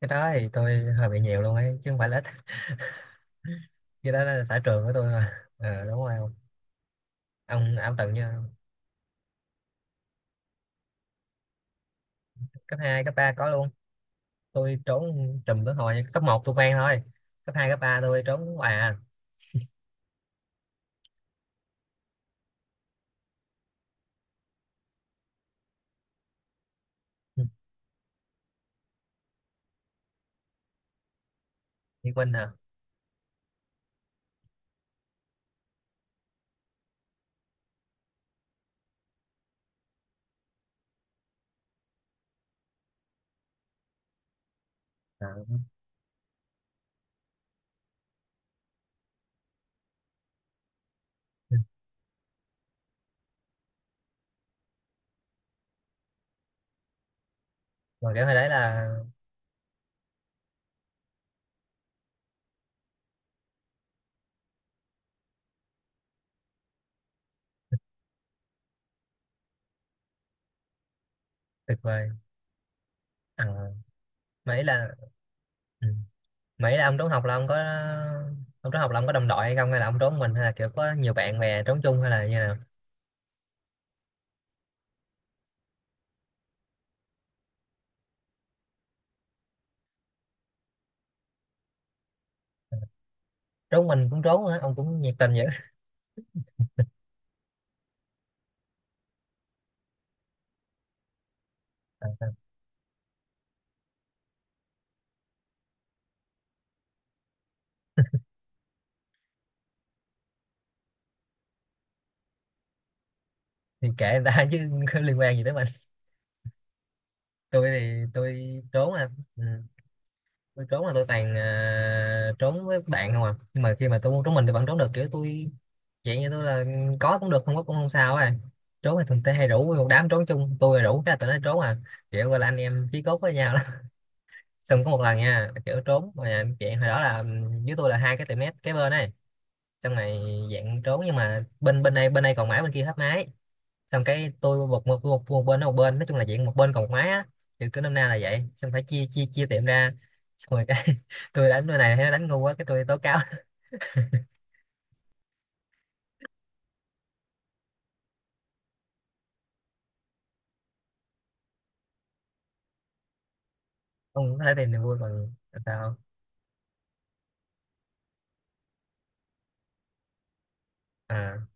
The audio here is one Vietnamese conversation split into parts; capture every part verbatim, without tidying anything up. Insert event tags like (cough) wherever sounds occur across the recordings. Cái đó thì tôi hơi bị nhiều luôn ấy, chứ không phải là ít. (laughs) Cái đó là xã trường của tôi mà, ờ đúng rồi ông ông ông từng như... Cấp hai cấp ba có luôn. Tôi trốn trùm tới hồi cấp một tôi quen thôi. Cấp hai cấp ba tôi trốn hoài à. Ừ. Liên Minh hả? À. Ừ. Rồi kiểu hồi đấy là tuyệt vời à, mấy là ừ. mấy là ông trốn học là ông có... Ông trốn học là ông có đồng đội hay không, hay là ông trốn mình, hay là kiểu có nhiều bạn bè trốn chung, hay là như nào? Trốn mình cũng trốn á, ông cũng nhiệt tình vậy. (laughs) Thì kệ người ta chứ. (laughs) Liên quan gì tới. Tôi thì tôi trốn là... Ừ, tôi trốn là tôi toàn, à, trốn với bạn không à, nhưng mà khi mà tôi muốn trốn mình thì vẫn trốn được, kiểu tôi dạng như tôi là... Có cũng được, không có cũng không sao à. Trốn thì thường tê hay rủ một đám trốn chung, tôi rủ cái là tụi nó trốn à. Kiểu gọi là anh em chí cốt với nhau lắm. (laughs) Xong có một lần nha, kiểu trốn mà, dạng hồi đó là... Ừ, dưới tôi là hai cái tiệm nét kế bên này, xong này, dạng trốn nhưng mà bên bên đây bên đây còn, mãi bên kia hết máy. Xong cái tôi một một, một, một bên nó một bên, nói chung là dạng một bên còn một máy á, kiểu cứ năm nay là vậy, xong phải chia chia chia tiệm ra. Xong rồi cái (laughs) tôi đánh cái này thấy nó đánh ngu quá, cái tôi tố cáo. (laughs) Ông có thể tìm niềm vui bằng... Sao? À.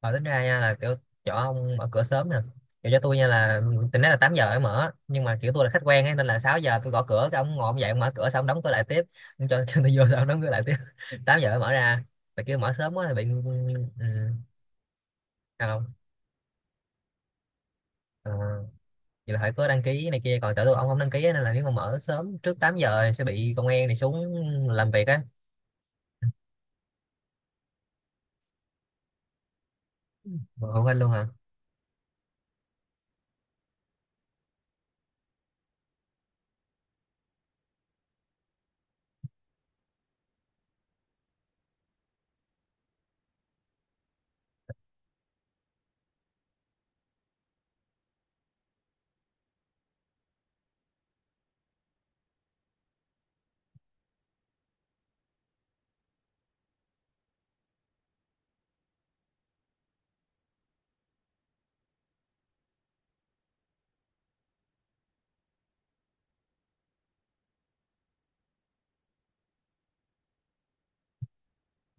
Và tính ra nha là kiểu chỗ ông mở cửa sớm nè. Kiểu cho tôi nha là tính nói là tám giờ mới mở, nhưng mà kiểu tôi là khách quen ấy, nên là sáu giờ tôi gõ cửa cái ông ngồi ông dậy ông mở cửa xong ông đóng cửa lại tiếp. Ông cho, cho tôi vô xong ông đóng cửa lại tiếp. (laughs) Tám giờ mới mở ra. Tại kiểu mở sớm quá thì bị... Ừ. Sao không? Ờ. Vậy là phải có đăng ký này kia, còn chỗ tôi ông không đăng ký á, nên là nếu mà mở sớm trước tám giờ sẽ bị công an này xuống làm việc á. Mà phụ huynh luôn hả?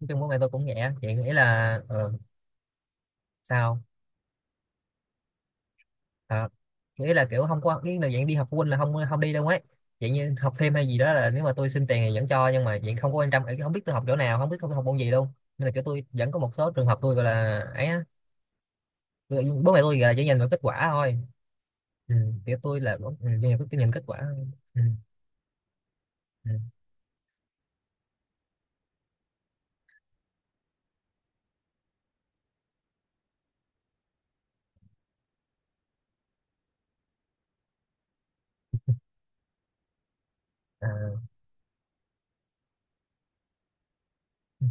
Nói chung bố mẹ tôi cũng nhẹ vậy. Nghĩ là ờ, sao à? Nghĩ là kiểu không có, cái là dạng đi học phụ huynh là không không đi đâu ấy. Dạng như học thêm hay gì đó là nếu mà tôi xin tiền thì vẫn cho, nhưng mà dạng không có quan tâm, không biết tôi học chỗ nào, không biết tôi học môn gì luôn. Nên là kiểu tôi vẫn có một số trường hợp tôi gọi là ấy á. Tôi- bố mẹ tôi gọi là chỉ nhìn vào kết quả thôi. Ừ, kiểu tôi là bố- ừ, nhìn, nhìn kết quả thôi. Ừ. Ừ. À. Ừ.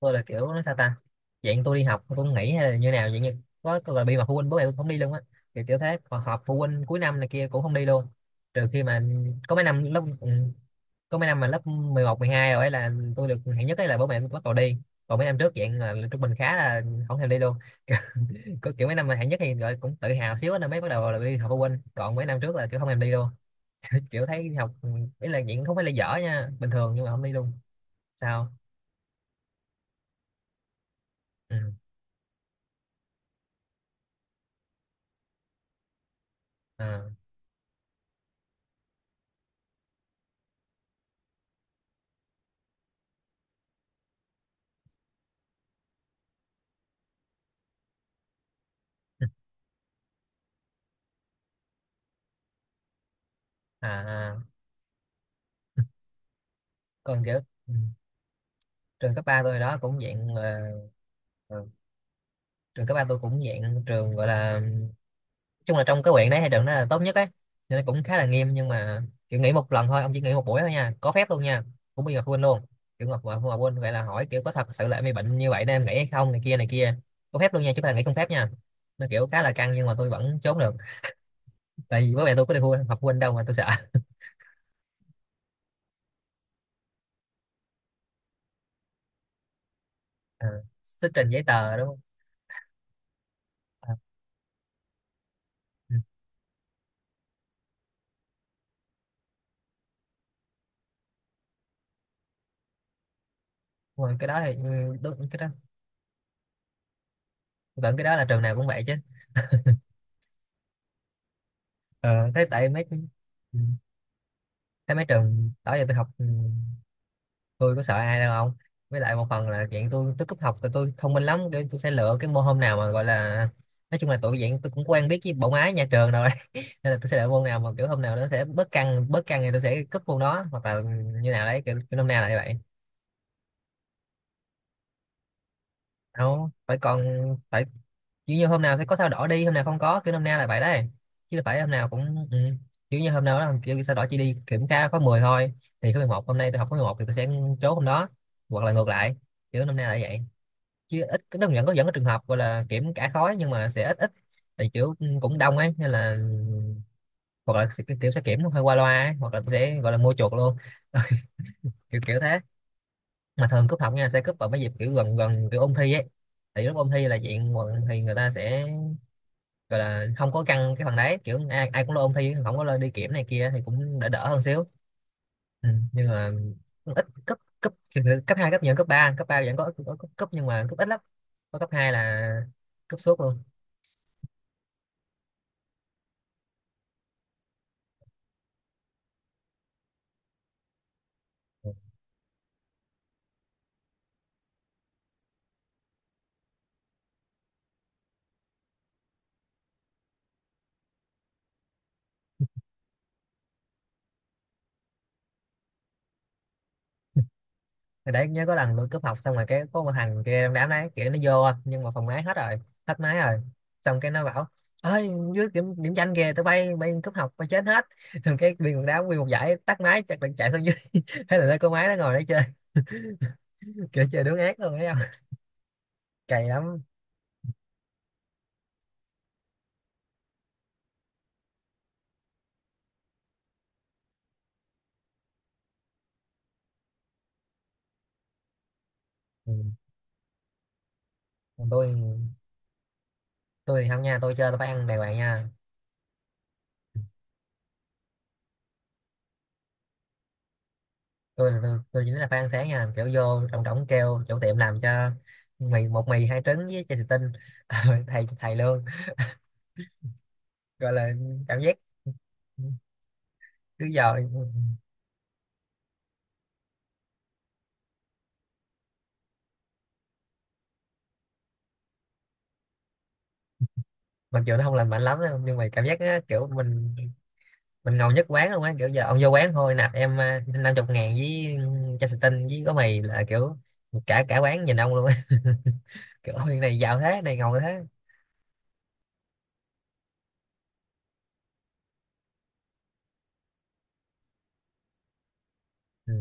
Tôi là kiểu nó sao ta? Dạng tôi đi học tôi cũng nghỉ hay là như nào, dạng như có có gọi bị mà phụ huynh, bố mẹ tôi không đi luôn á, kiểu kiểu thế. Còn họp phụ huynh cuối năm này kia cũng không đi luôn. Trừ khi mà có mấy năm lớp... Ừ, có mấy năm mà lớp mười một mười hai rồi ấy là tôi được hạng nhất ấy là bố mẹ tôi bắt đầu đi. Còn mấy năm trước dạng là trung bình khá là không thèm đi luôn. (laughs) Có kiểu mấy năm mà hạng nhất thì gọi cũng tự hào xíu á, nên mới bắt đầu là đi học phụ huynh, còn mấy năm trước là kiểu không thèm đi luôn. (laughs) Kiểu thấy đi học... Ừ, ý là dạng không phải là dở nha, bình thường, nhưng mà không đi luôn. Sao? Ừ. À, à, à. Còn kiểu... Ừ, trường cấp ba tôi đó cũng dạng là... Ừ, trường cấp ba tôi cũng dạng trường gọi là chung là trong cái huyện đấy, hay trường đó là tốt nhất ấy, nên cũng khá là nghiêm, nhưng mà kiểu nghỉ một lần thôi ông, chỉ nghỉ một buổi thôi nha, có phép luôn nha, cũng bị giờ phụ huynh luôn. Kiểu ngọc mà phụ huynh gọi là hỏi kiểu có thật sự là em bị bệnh như vậy nên em nghỉ hay không này kia này kia. Có phép luôn nha, chứ không phải là nghỉ không phép nha. Nó kiểu khá là căng nhưng mà tôi vẫn trốn được, tại vì bố mẹ tôi có đi phụ huynh học phụ huynh đâu mà tôi sợ. (laughs) À, xuất trình giấy tờ đúng không? À, ừ. Đúng rồi, cái đó thì ừ, đúng cái đó. Tôi tưởng cái đó là trường nào cũng vậy chứ. ờ thế tại mấy... Ừ, thế mấy trường đó giờ tôi học... Ừ, tôi có sợ ai đâu không. Với lại một phần là chuyện tôi tôi cúp học thì tôi thông minh lắm, kiểu tôi sẽ lựa cái môn hôm nào mà gọi là... Nói chung là tụi dạng tôi cũng quen biết với bộ máy nhà trường rồi. (laughs) Nên là tôi sẽ lựa môn nào mà kiểu hôm nào nó sẽ bớt căng bớt căng thì tôi sẽ cúp môn đó, hoặc là như nào đấy, kiểu, kiểu năm nay là như vậy. Đâu phải. Còn phải kiểu như hôm nào sẽ có sao đỏ đi, hôm nào không có, kiểu năm nay là vậy đấy, chứ phải hôm nào cũng... Ừ. Kiểu như hôm nào đó kiểu sao đỏ chỉ đi kiểm tra khóa mười thôi, thì khóa mười một hôm nay tôi học khóa mười một thì tôi sẽ chốt hôm đó, hoặc là ngược lại, kiểu năm nay là vậy. Chứ ít, nó vẫn có vẫn có trường hợp gọi là kiểm cả khối nhưng mà sẽ ít ít, thì kiểu... Ừ, cũng đông ấy nên là hoặc là sẽ- kiểu sẽ kiểm hơi qua loa ấy, hoặc là tôi sẽ gọi là mua chuột luôn. (laughs) kiểu kiểu thế. Mà thường cúp học nha sẽ cúp vào mấy dịp kiểu gần gần kiểu ôn thi ấy. Thì lúc ôn thi là chuyện nguồn- thì người ta sẽ gọi là không có căng cái phần đấy, kiểu ai, ai cũng lo ôn thi, không có lo đi kiểm này kia thì cũng đỡ đỡ hơn xíu. Ừ. Nhưng mà cũng ít, cấp cấp cấp hai cấp nhiều hơn cấp ba, cấp ba vẫn có, có, có cấp nhưng mà cấp ít lắm, có cấp hai là cấp suốt luôn. Thì đấy, nhớ có lần tôi cúp học xong rồi cái có một thằng kia trong đám đấy kiểu nó vô nhưng mà phòng máy hết rồi, hết máy rồi, xong cái nó bảo ơi, dưới điểm, điểm danh kìa, tụi bay bay cúp học bay chết hết. (laughs) Xong cái viên quần đám nguyên một giải tắt máy chắc là chạy xuống dưới. (laughs) Thế là nơi cô máy nó ngồi đấy chơi. (laughs) Kiểu chơi đứng ác luôn đấy không, cày lắm. Ừ. Còn tôi tôi thì không nha, tôi chơi tôi phải ăn đàng hoàng nha. Tôi là tôi, tôi chỉ nói là phải ăn sáng nha, kiểu vô trọng trọng kêu chủ tiệm làm cho mì một mì hai trứng với chai thủy tinh. (laughs) thầy thầy luôn, gọi là cảm giác trước giờ, mặc dù nó không lành mạnh lắm đâu, nhưng mà cảm giác á, kiểu mình mình ngầu nhất quán luôn á, kiểu giờ ông vô quán thôi, nạp em à năm chục ngàn với chai xì tinh với gói mì là kiểu cả cả quán nhìn ông luôn á. (laughs) Kiểu ôi này giàu thế này ngầu thế. Ừ.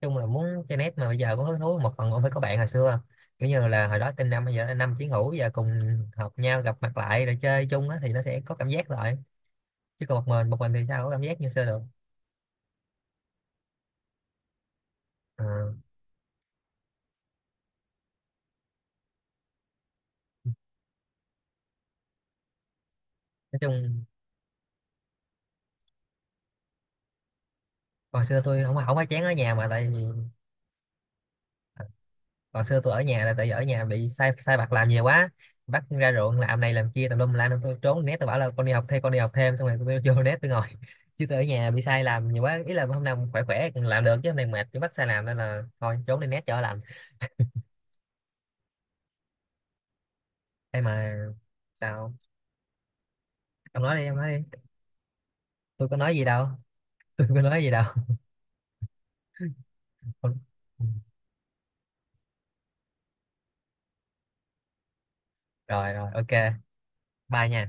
Nói chung là muốn chơi net mà bây giờ có hứng thú một phần cũng phải có bạn hồi xưa, kiểu như là hồi đó team năm bây giờ là năm chiến hữu bây giờ cùng học nhau gặp mặt lại rồi chơi chung á thì nó sẽ có cảm giác lại. Chứ còn một mình một mình thì sao có cảm giác như xưa được. Ờ. Nói chung hồi xưa tôi không không phải chán ở nhà mà tại vì, hồi xưa tôi ở nhà là tại vì ở nhà bị sai sai bạc làm nhiều quá, bắt ra ruộng làm này làm kia tùm lum la nên tôi trốn nét, tôi bảo là con đi học thêm con đi học thêm, xong rồi tôi vô (laughs) nét tôi ngồi. (laughs) Chứ tôi ở nhà bị sai làm nhiều quá, ý là hôm nào khỏe khỏe còn làm được chứ hôm nay mệt cứ bắt sai làm nên là thôi trốn đi nét cho lành. Hay mà. Sao? Ông nói đi, ông nói đi. Tôi có nói gì đâu. (laughs) Tôi có nói gì đâu. (laughs) Rồi rồi, ok, bye nha.